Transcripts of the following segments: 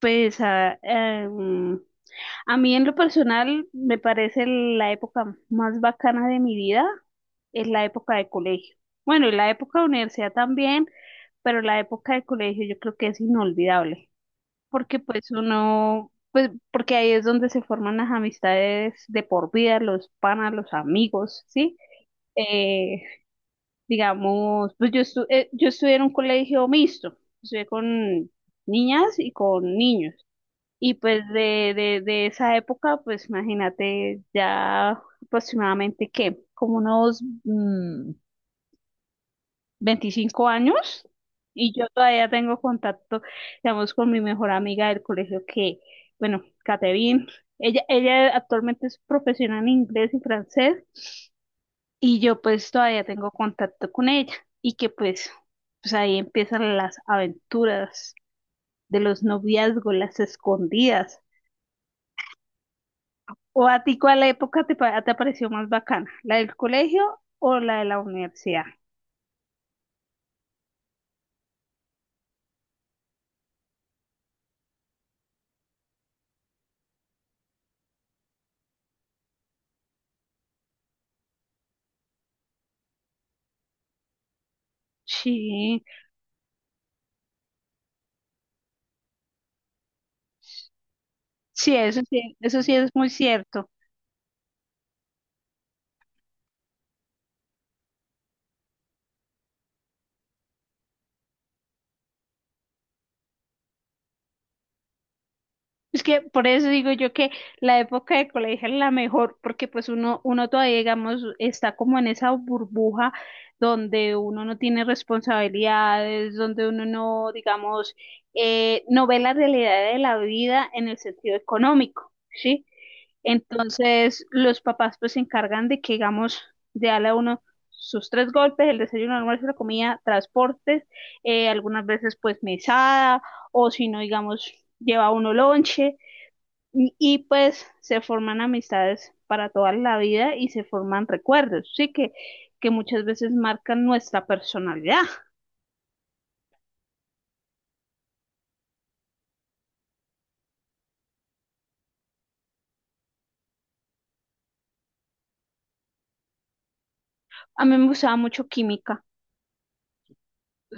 Pues a, em, a mí en lo personal me parece la época más bacana de mi vida es la época de colegio. Bueno, y la época de universidad también, pero la época de colegio yo creo que es inolvidable, porque pues uno, pues porque ahí es donde se forman las amistades de por vida, los panas, los amigos, ¿sí? Eh, digamos, pues yo, yo estudié en un colegio mixto, estudié con niñas y con niños. Y pues de esa época, pues imagínate ya aproximadamente que como unos 25 años, y yo todavía tengo contacto, digamos, con mi mejor amiga del colegio que, bueno, Catherine. Ella actualmente es profesional en inglés y francés, y yo pues todavía tengo contacto con ella. Y que pues, pues ahí empiezan las aventuras de los noviazgos, las escondidas. ¿O a ti cuál época te pareció más bacana? ¿La del colegio o la de la universidad? Sí, sí, eso sí, eso sí es muy cierto. Es que por eso digo yo que la época de colegio es la mejor, porque pues uno, uno todavía, digamos, está como en esa burbuja donde uno no tiene responsabilidades, donde uno no, digamos, no ve la realidad de la vida en el sentido económico, ¿sí? Entonces, los papás pues se encargan de que, digamos, de darle a uno sus tres golpes, el desayuno, el almuerzo, la comida, transportes, algunas veces pues mesada o si no, digamos, lleva uno lonche pues se forman amistades para toda la vida y se forman recuerdos, sí que muchas veces marcan nuestra personalidad. A mí me gustaba mucho química.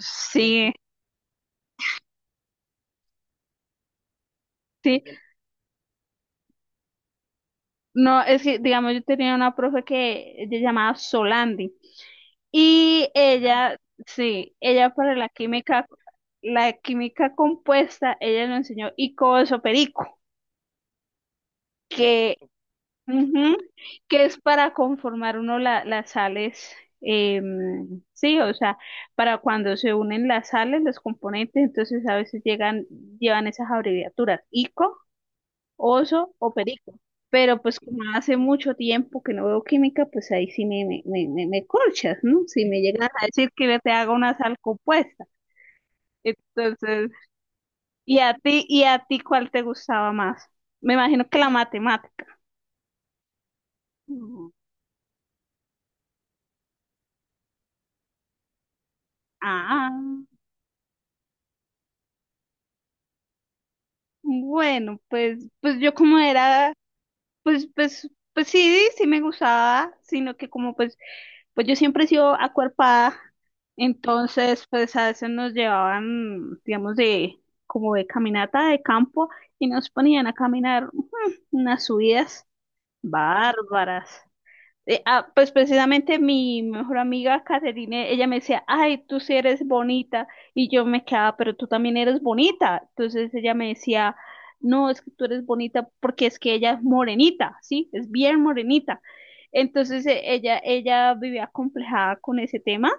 Sí, sí. No, es que, digamos, yo tenía una profe que ella llamaba Solandi y ella, sí, ella para la química compuesta, ella nos enseñó icoso perico que Ujú, que es para conformar uno las sales, sí, o sea, para cuando se unen las sales, los componentes, entonces a veces llegan, llevan esas abreviaturas, ICO, oso o perico. Pero pues como hace mucho tiempo que no veo química, pues ahí sí me corchas, ¿no? Si me llegas a decir que yo te haga una sal compuesta. Entonces, y a ti cuál te gustaba más? Me imagino que la matemática. Mm. Ah. Bueno, pues, pues yo como era, pues, pues, pues sí, sí me gustaba, sino que como pues, pues yo siempre he sido acuerpada, entonces pues a veces nos llevaban, digamos, de, como de caminata de campo y nos ponían a caminar unas subidas bárbaras, pues precisamente mi mejor amiga Caterine, ella me decía, ay, tú sí eres bonita, y yo me quedaba, pero tú también eres bonita. Entonces ella me decía, no, es que tú eres bonita porque es que ella es morenita, ¿sí? Es bien morenita. Entonces ella vivía complejada con ese tema,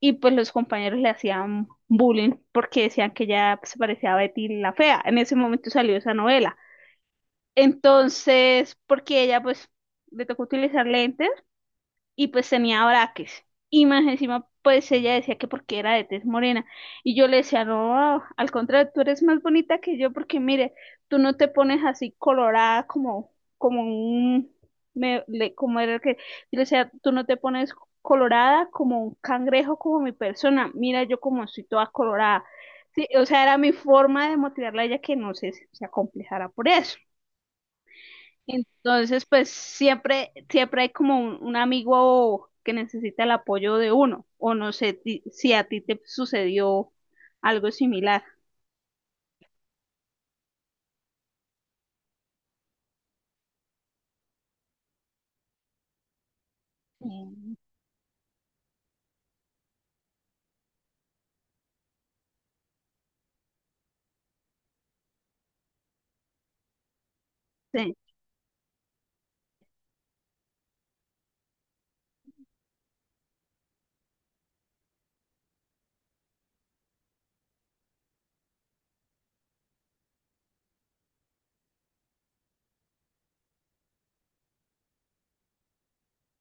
y pues los compañeros le hacían bullying porque decían que ella se parecía a Betty la Fea. En ese momento salió esa novela. Entonces, porque ella pues le tocó utilizar lentes, y pues tenía braques. Y más encima, pues ella decía que porque era de tez morena. Y yo le decía, no, al contrario, tú eres más bonita que yo porque mire, tú no te pones así colorada como, como un, me- le- como era el que, yo le decía, tú no te pones colorada como un cangrejo, como mi persona. Mira, yo como estoy toda colorada. Sí, o sea, era mi forma de motivarla a ella que no se, se acomplejara por eso. Entonces, pues siempre, siempre hay como un amigo que necesita el apoyo de uno, o no sé si a ti te sucedió algo similar. Mm. Sí.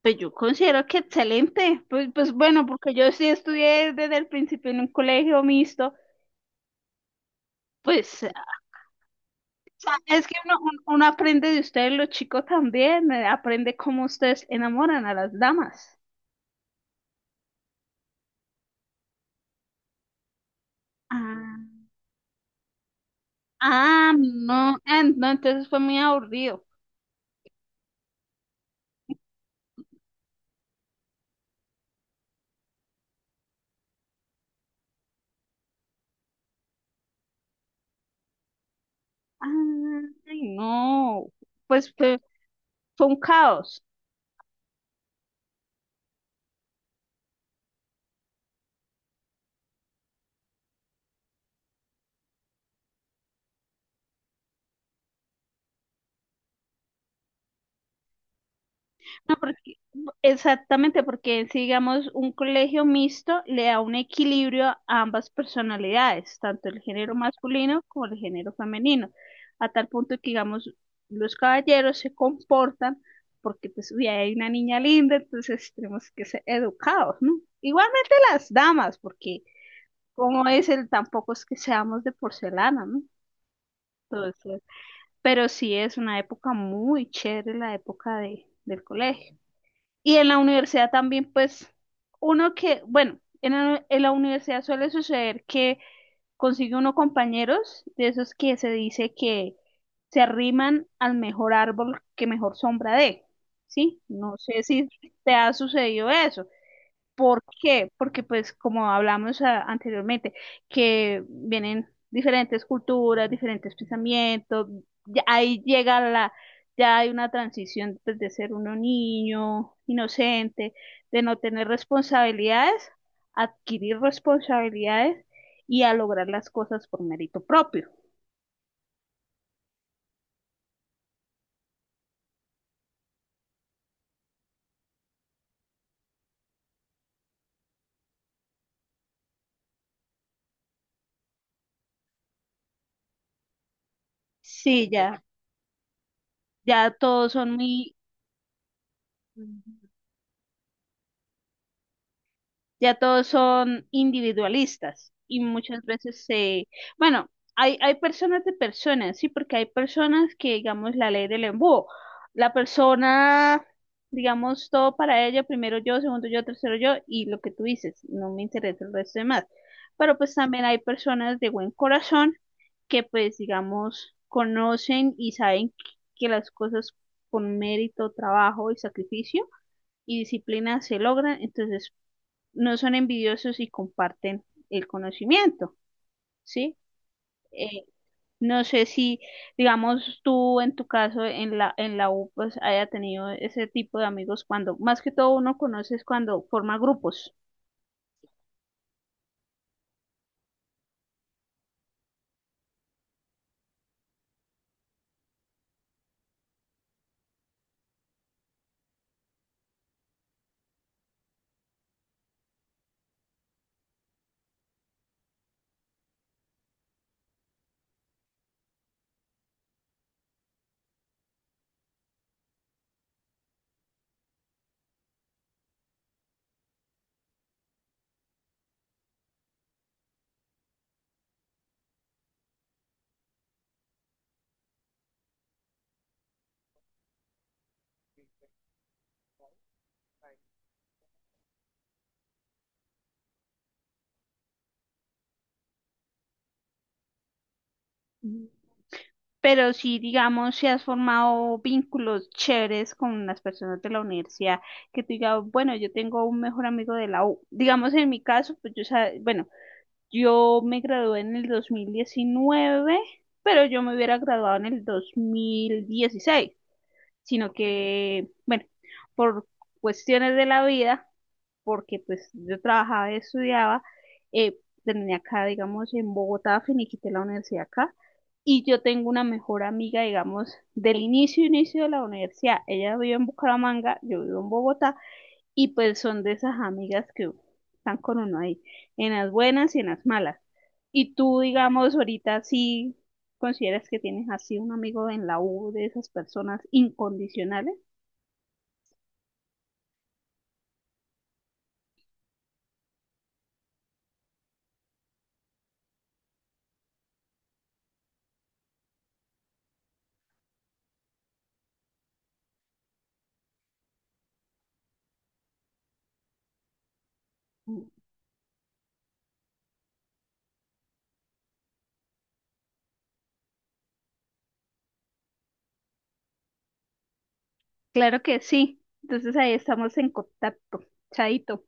Pues yo considero que excelente, pues, pues bueno, porque yo sí estudié desde el principio en un colegio mixto, pues o sea, es que uno, uno aprende de ustedes, los chicos también, aprende cómo ustedes enamoran a las damas. Ah, ah, no, ah, no, entonces fue muy aburrido. Ay, no, pues fue, fue un caos. No, porque, exactamente, porque si digamos un colegio mixto le da un equilibrio a ambas personalidades, tanto el género masculino como el género femenino, a tal punto que digamos los caballeros se comportan porque pues uy, hay una niña linda, entonces tenemos que ser educados, ¿no? Igualmente las damas, porque como es el tampoco es que seamos de porcelana, ¿no? Entonces, pero sí es una época muy chévere la época de, del colegio. Y en la universidad también, pues, uno que, bueno, en la universidad suele suceder que consigue uno compañeros de esos que se dice que se arriman al mejor árbol que mejor sombra dé, ¿sí? No sé si te ha sucedido eso. ¿Por qué? Porque pues como hablamos anteriormente, que vienen diferentes culturas, diferentes pensamientos, ya ahí llega la, ya hay una transición pues, de ser uno niño, inocente, de no tener responsabilidades, adquirir responsabilidades y a lograr las cosas por mérito propio. Sí, ya, ya todos son muy ya todos son individualistas y muchas veces se, bueno, hay personas de personas, sí, porque hay personas que, digamos, la ley del embudo, la persona, digamos, todo para ella, primero yo, segundo yo, tercero yo, y lo que tú dices, no me interesa el resto de más. Pero pues también hay personas de buen corazón que pues, digamos, conocen y saben que las cosas con mérito, trabajo y sacrificio y disciplina se logran, entonces no son envidiosos y comparten el conocimiento, ¿sí? Eh, no sé si, digamos, tú en tu caso en la U, pues haya tenido ese tipo de amigos cuando, más que todo uno conoces cuando forma grupos. Mm. Pero si, digamos, si has formado vínculos chéveres con las personas de la universidad, que te diga, bueno, yo tengo un mejor amigo de la U. Digamos, en mi caso, pues yo, bueno, yo me gradué en el 2019, pero yo me hubiera graduado en el 2016, sino que, bueno, por cuestiones de la vida, porque pues yo trabajaba y estudiaba, eh, terminé acá, digamos, en Bogotá, finiquité la universidad acá, y yo tengo una mejor amiga, digamos, del inicio, inicio de la universidad. Ella vive en Bucaramanga, yo vivo en Bogotá, y pues son de esas amigas que están con uno ahí, en las buenas y en las malas. Y tú, digamos, ahorita sí consideras que tienes así un amigo en la U de esas personas incondicionales. Claro que sí. Entonces ahí estamos en contacto. Chaito.